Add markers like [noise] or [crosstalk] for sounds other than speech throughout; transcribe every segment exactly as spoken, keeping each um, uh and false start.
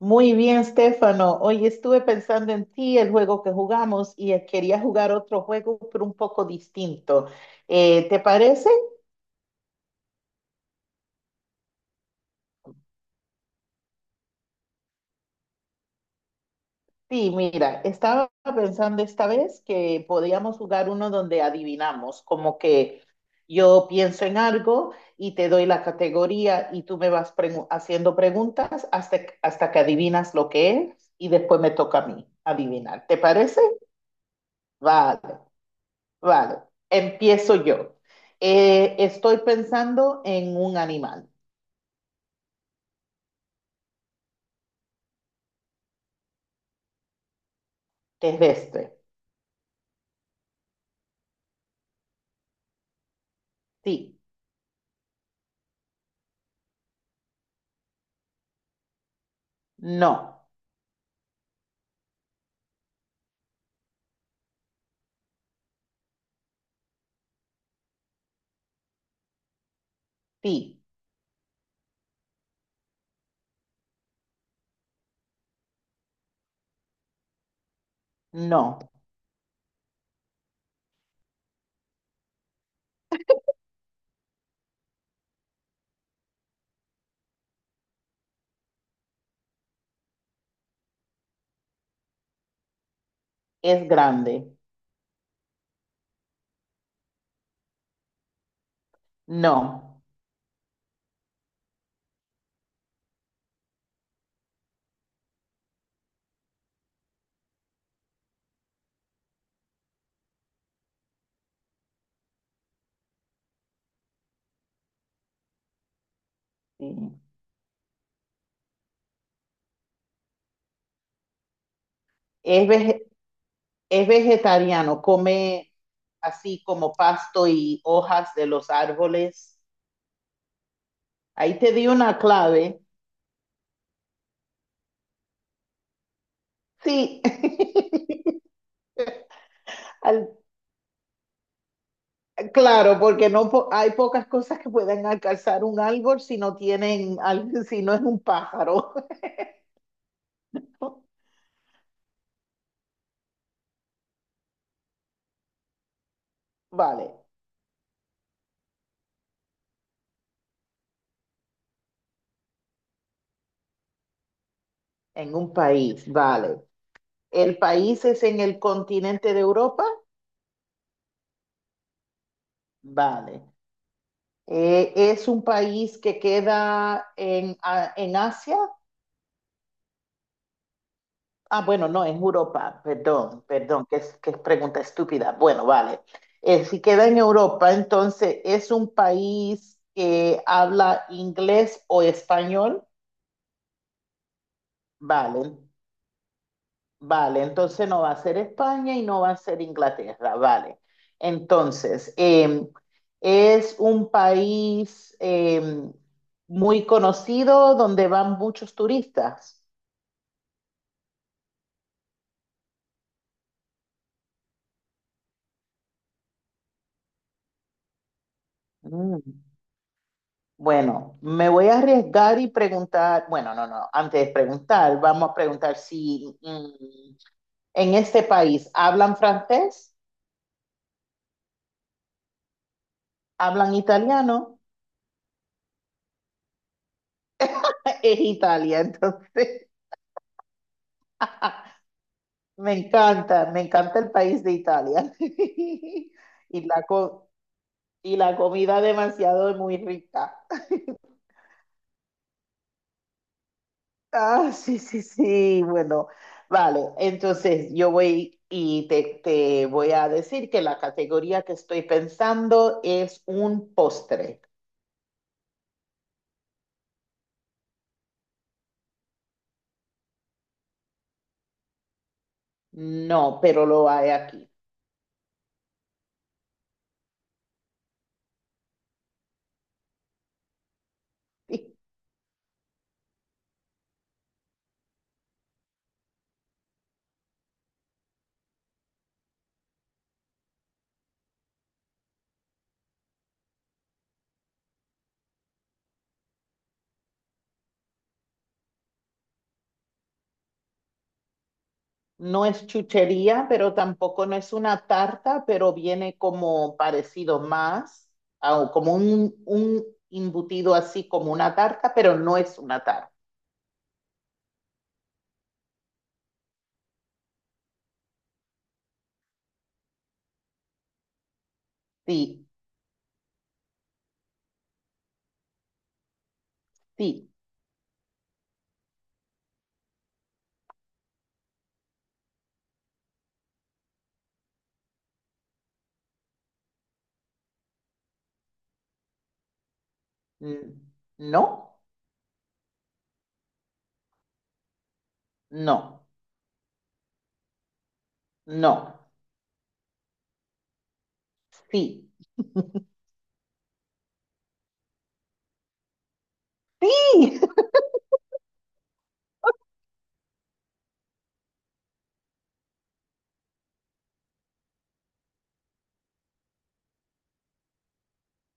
Muy bien, Stefano. Hoy estuve pensando en ti, el juego que jugamos, y eh, quería jugar otro juego, pero un poco distinto. Eh, ¿te parece? Sí, mira, estaba pensando esta vez que podíamos jugar uno donde adivinamos, como que yo pienso en algo y te doy la categoría y tú me vas pregu- haciendo preguntas hasta, hasta que adivinas lo que es y después me toca a mí adivinar. ¿Te parece? Vale. Vale, empiezo yo. Eh, estoy pensando en un animal terrestre. Sí, no, sí, no. Es grande, no. Sí. Es, vege- es vegetariano, come así como pasto y hojas de los árboles. Ahí te di una clave. Sí, [laughs] Al- claro, porque no po- hay pocas cosas que pueden alcanzar un árbol si no tienen, al- si no es un pájaro. [laughs] Vale. En un país, vale. ¿El país es en el continente de Europa? Vale. Eh, ¿es un país que queda en, a- en Asia? Ah, bueno, no, en Europa, perdón, perdón, que es, que es pregunta estúpida. Bueno, vale. Eh, si queda en Europa, entonces, ¿es un país que habla inglés o español? Vale. Vale, entonces no va a ser España y no va a ser Inglaterra, vale. Entonces, em, es un país em, muy conocido donde van muchos turistas. Mm, bueno, me voy a arriesgar y preguntar, bueno, no, no, antes de preguntar, vamos a preguntar si mm, en este país hablan francés, hablan italiano, [laughs] es Italia, entonces. [laughs] Me encanta, me encanta el país de Italia. [laughs] Y la, co- y la comida demasiado es muy rica. [laughs] Ah, sí, sí, sí, bueno, vale. Entonces yo voy y te, te voy a decir que la categoría que estoy pensando es un postre. No, pero lo hay aquí. [laughs] No es chuchería, pero tampoco no es una tarta, pero viene como parecido más, a- como un, un embutido así como una tarta, pero no es una tarta. Sí, sí. Mm, no, no, no. Sí. Sí,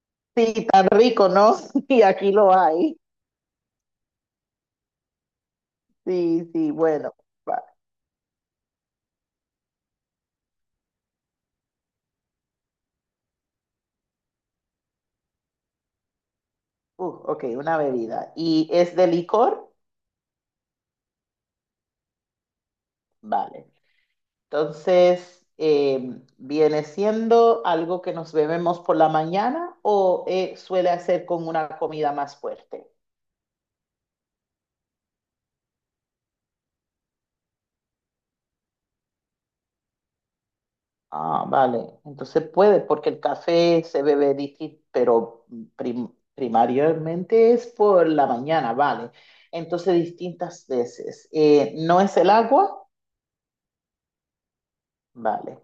[laughs] sí, tan rico, ¿no? [laughs] Y aquí lo hay. Sí, sí, bueno. Va. Uh, ok, una bebida. ¿Y es de licor? Vale. Entonces, eh, ¿viene siendo algo que nos bebemos por la mañana o eh, suele hacer con una comida más fuerte? Ah, vale. Entonces puede, porque el café se bebe distinto, pero prim- primariamente es por la mañana, vale. Entonces, distintas veces. Eh, ¿no es el agua? Vale.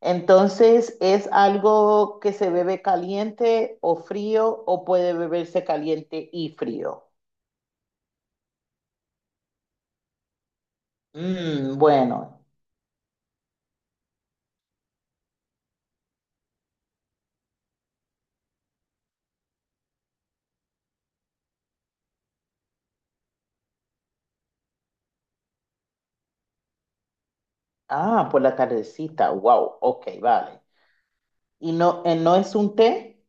Entonces, ¿es algo que se bebe caliente o frío o puede beberse caliente y frío? Mm, bueno, ah, por la tardecita, wow, ok, vale. ¿Y no, eh, no es un té?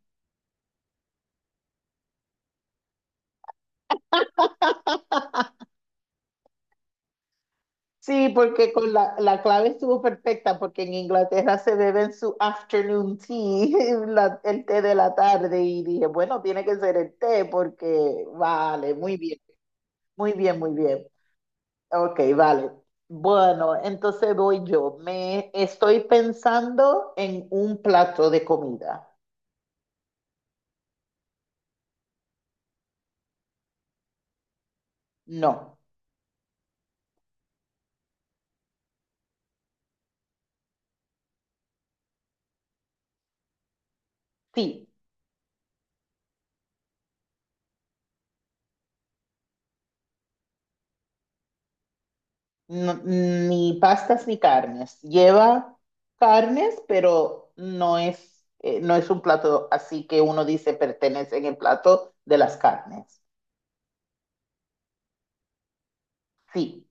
Sí, porque con la, la clave estuvo perfecta, porque en Inglaterra se beben su afternoon tea, [laughs] la- el té de la tarde, y dije, bueno, tiene que ser el té, porque vale, muy bien, muy bien, muy bien. Ok, vale. Bueno, entonces voy yo. Me estoy pensando en un plato de comida. No, sí. No, ni pastas ni carnes. Lleva carnes, pero no es, eh, no es un plato así que uno dice pertenece en el plato de las carnes. Sí,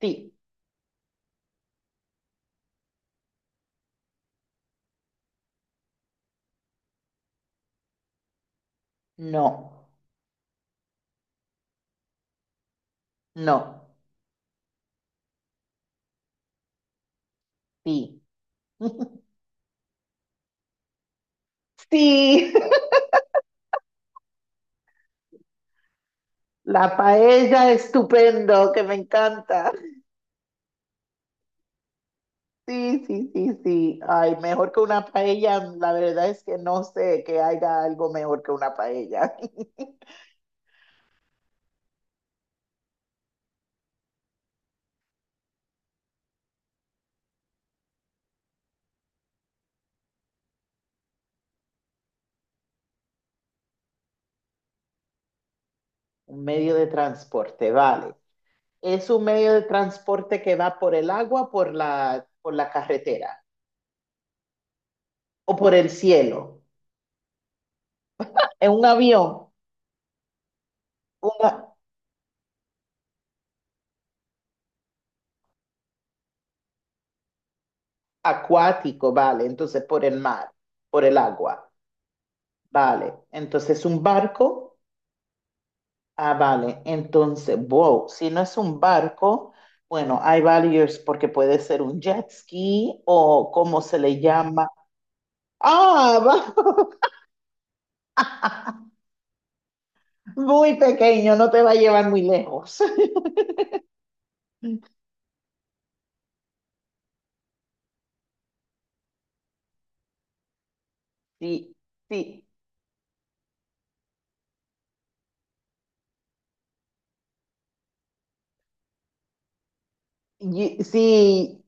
sí, no, no, sí. [laughs] Sí, [laughs] la paella estupendo, que me encanta. Sí, sí, sí, sí. Ay, mejor que una paella, la verdad es que no sé que haya algo mejor que una paella. [laughs] Un medio de transporte, vale. Es un medio de transporte que va por el agua, por la, por la carretera o por el cielo. En un avión, un acuático, vale, entonces por el mar, por el agua, vale. Entonces un barco, ah, vale. Entonces, wow, si no es un barco, bueno, hay varios porque puede ser un jet ski o cómo se le llama. Ah, va- [laughs] muy pequeño, no te va a llevar muy lejos. [laughs] Sí, sí. Y- sí,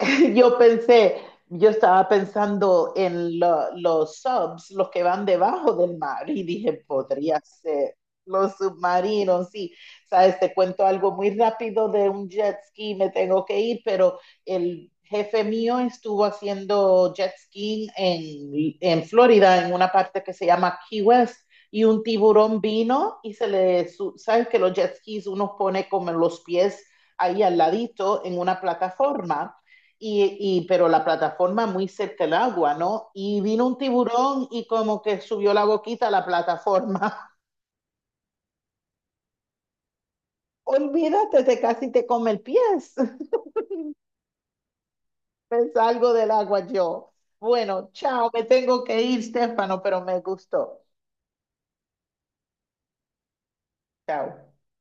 [laughs] yo pensé, yo estaba pensando en lo- los subs, los que van debajo del mar, y dije, podría ser los submarinos, sí. Sabes, te cuento algo muy rápido de un jet ski, me tengo que ir, pero el jefe mío estuvo haciendo jet ski en, en Florida, en una parte que se llama Key West. Y un tiburón vino y se le, su- sabes que los jet skis uno pone como en los pies ahí al ladito en una plataforma, y, y, pero la plataforma muy cerca del agua, ¿no? Y vino un tiburón y como que subió la boquita a la plataforma. [laughs] Olvídate, te casi te come el pie. [laughs] Me salgo del agua yo. Bueno, chao, me tengo que ir, Stefano, pero me gustó. Chao.